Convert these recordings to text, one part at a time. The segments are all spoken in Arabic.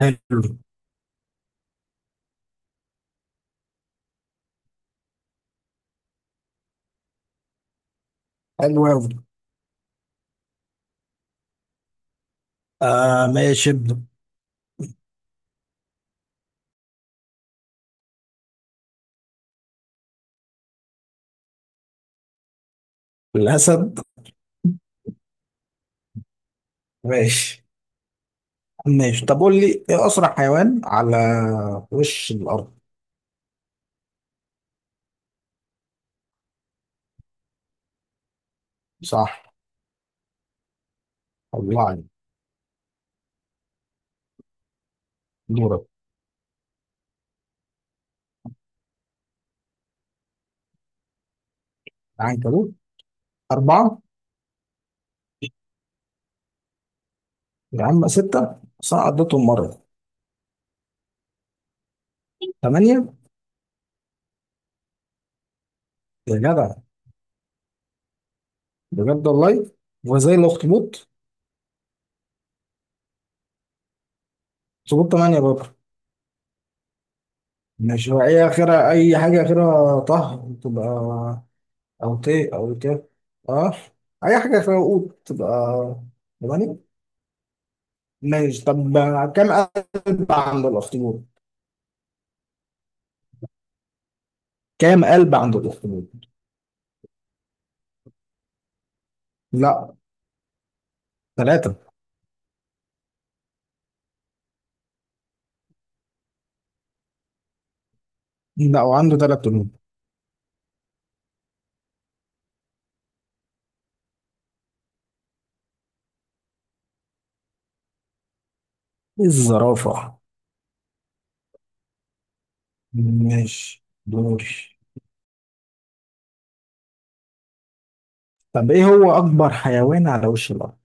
حلو. حلو أوي. آه، ماشي، ابدأ. الأسد. ماشي، ماشي. طب قول لي إيه أسرع حيوان على وش الأرض؟ صح. الله عليك. دورك. العنكبوت. أربعة. يا عم، ستة، بس أنا عديتهم مرة. ثمانية. يا جدع، بجد والله. وزي الأخطبوط. أخطبوط تمانية برضه. ماشي، هو إيه آخرها؟ أي حاجة آخرها طه تبقى أو تي، أو تي. أه، أي حاجة آخرها قوت تبقى تمانية. ماشي، طب كام قلب عند الاخطبوط؟ كام قلب عند الاخطبوط؟ لا، ثلاثة. لا، وعنده ثلاث قلوب. الزرافة. ماشي، دوري. طب ايه هو اكبر حيوان على وش الارض؟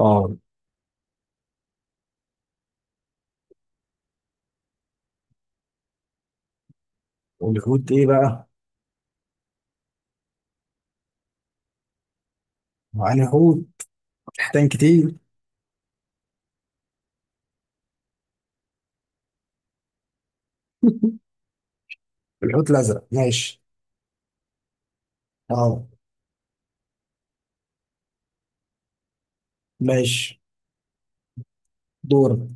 اه. والحوت ايه بقى؟ يعني حوت، حيتان كتير. الحوت الازرق. ماشي. اه، ماشي، دور.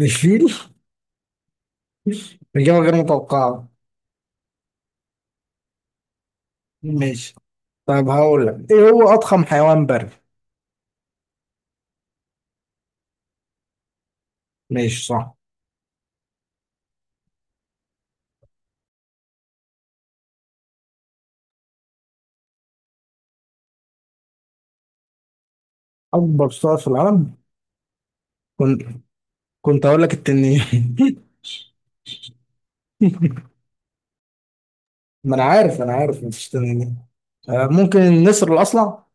الفيل. اجابة غير متوقعة. ماشي. طب هقول لك، ايه هو اضخم حيوان بري؟ ماشي، صح. اكبر صقر في العالم. كنت هقول لك التنين. ما انا عارف مفيش تنين. آه، ممكن النسر الاصلع.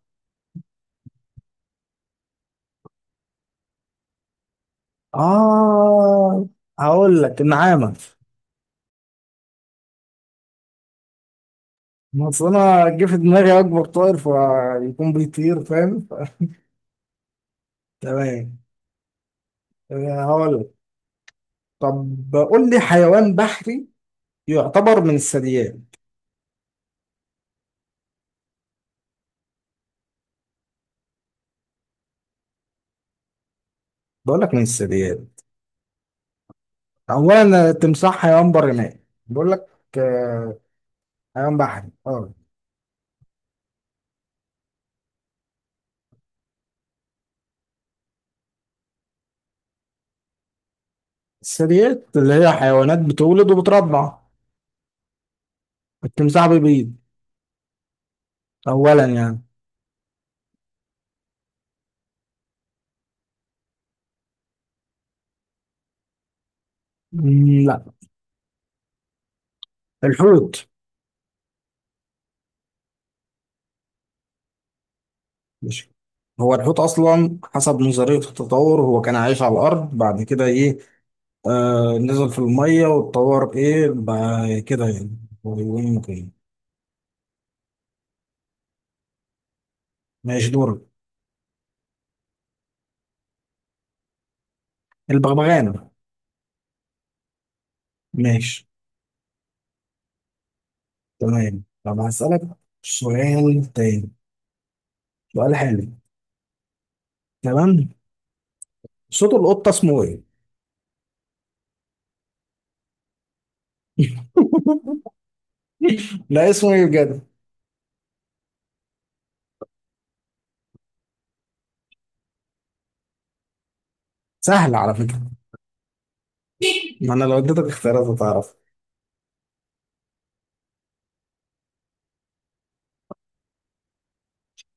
اه، هقول لك النعامه. بس انا جه في دماغي اكبر طائر فيكون بيطير، فاهم؟ تمام. آه، هقول لك. طب قول لي حيوان بحري يعتبر من الثدييات. بقول لك من الثدييات. اولا التمساح حيوان برمائي. بقول لك، آه، حيوان بحري، اه. الثدييات اللي هي حيوانات بتولد وبترضع. التمساح بيبيض أولا، يعني. مم، لا. الحوت. مش هو الحوت أصلا، حسب نظرية التطور، هو كان عايش على الأرض، بعد كده إيه، آه، نزل في المية واتطور، إيه بقى كده يعني. هو بيقول لك إيه. ماشي، دور. البغبغان. ماشي. تمام، طب هسألك سؤال تاني، سؤال حلو. تمام. صوت القطة اسمه إيه؟ لا، اسمه إيه بجد؟ سهل على فكرة. ما أنا لو اديتك اختيارات هتعرف.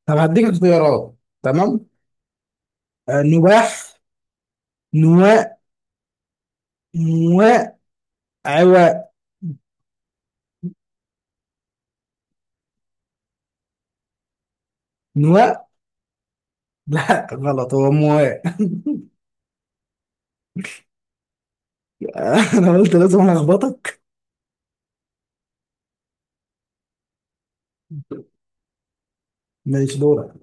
طب هديك اختيارات. تمام. آه، نواح، نواء، مواء، عواء. نواء. لا غلط، هو مواء. انا قلت لازم الخبطك. ماشي، دورك.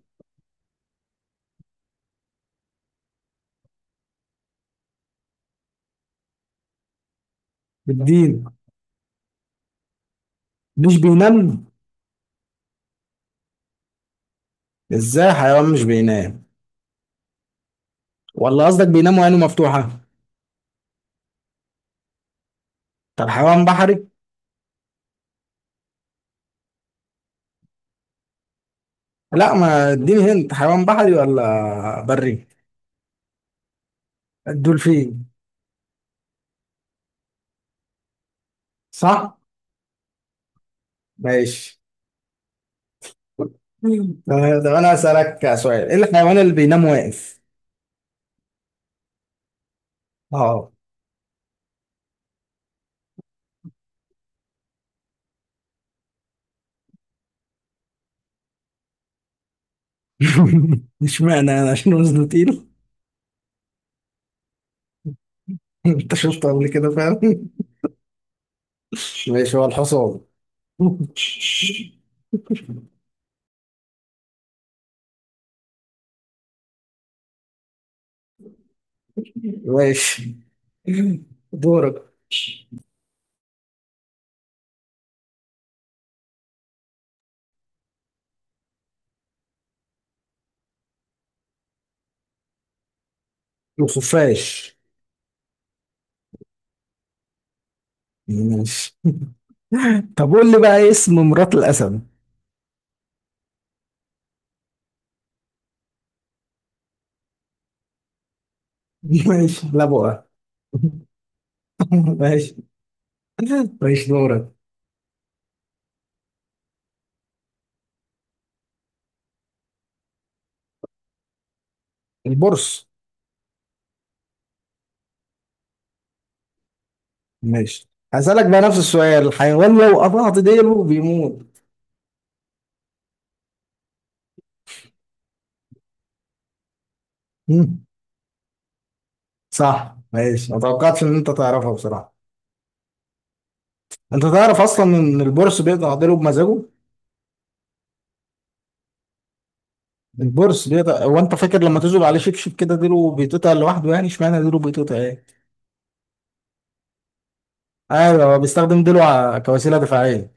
بالدين؟ مش بينام؟ ازاي حيوان مش بينام؟ ولا قصدك بينام وعينه مفتوحة؟ طب حيوان بحري؟ لا، ما اديني هنت، حيوان بحري ولا بري؟ الدولفين. صح. ماشي. طب انا اسالك سؤال، ايه الحيوان اللي بينام واقف؟ اه. اشمعنى انا، عشان وزنه تقيل؟ انت شفته قبل كده فعلا؟ ماشي، هو الحصان. ماشي، دورك. الخفاش. ماشي. طب قول لي بقى، إيه اسم مرات الاسد؟ ماشي، لبوة. ماشي. ماشي، دورك. البرص. ماشي. هسألك بقى نفس السؤال، الحيوان لو قطعت ديله بيموت. مم. صح، ماشي. ما توقعتش ان انت تعرفها بصراحة. انت تعرف اصلا ان البورس بيقطع ديله بمزاجه؟ البورس بيقطع، هو انت فاكر لما تذوب عليه شبشب كده ديله بيتقطع لوحده، يعني اشمعنى ديله بيتقطع؟ ايه. ايوه، هو بيستخدم ديله كوسيله دفاعيه،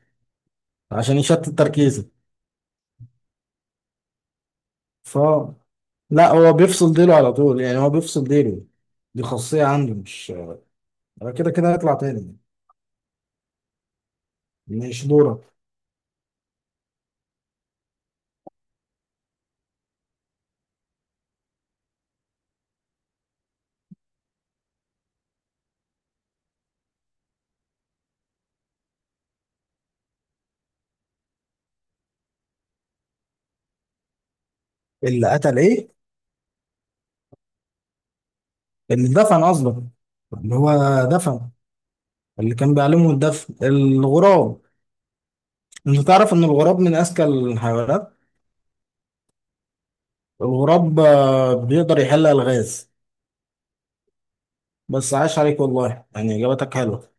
عشان يشتت تركيزه. ف لا، هو بيفصل ديله على طول، يعني هو بيفصل ديله. دي خاصيه عنده، مش هو كده كده هيطلع تاني. مش دورك؟ اللي قتل ايه؟ اللي دفن قصدك؟ اللي هو دفن. اللي كان بيعلمه الدفن، الغراب. انت تعرف ان الغراب من اذكى الحيوانات؟ الغراب، بيقدر يحل الغاز. بس عاش عليك والله، يعني اجابتك حلوه.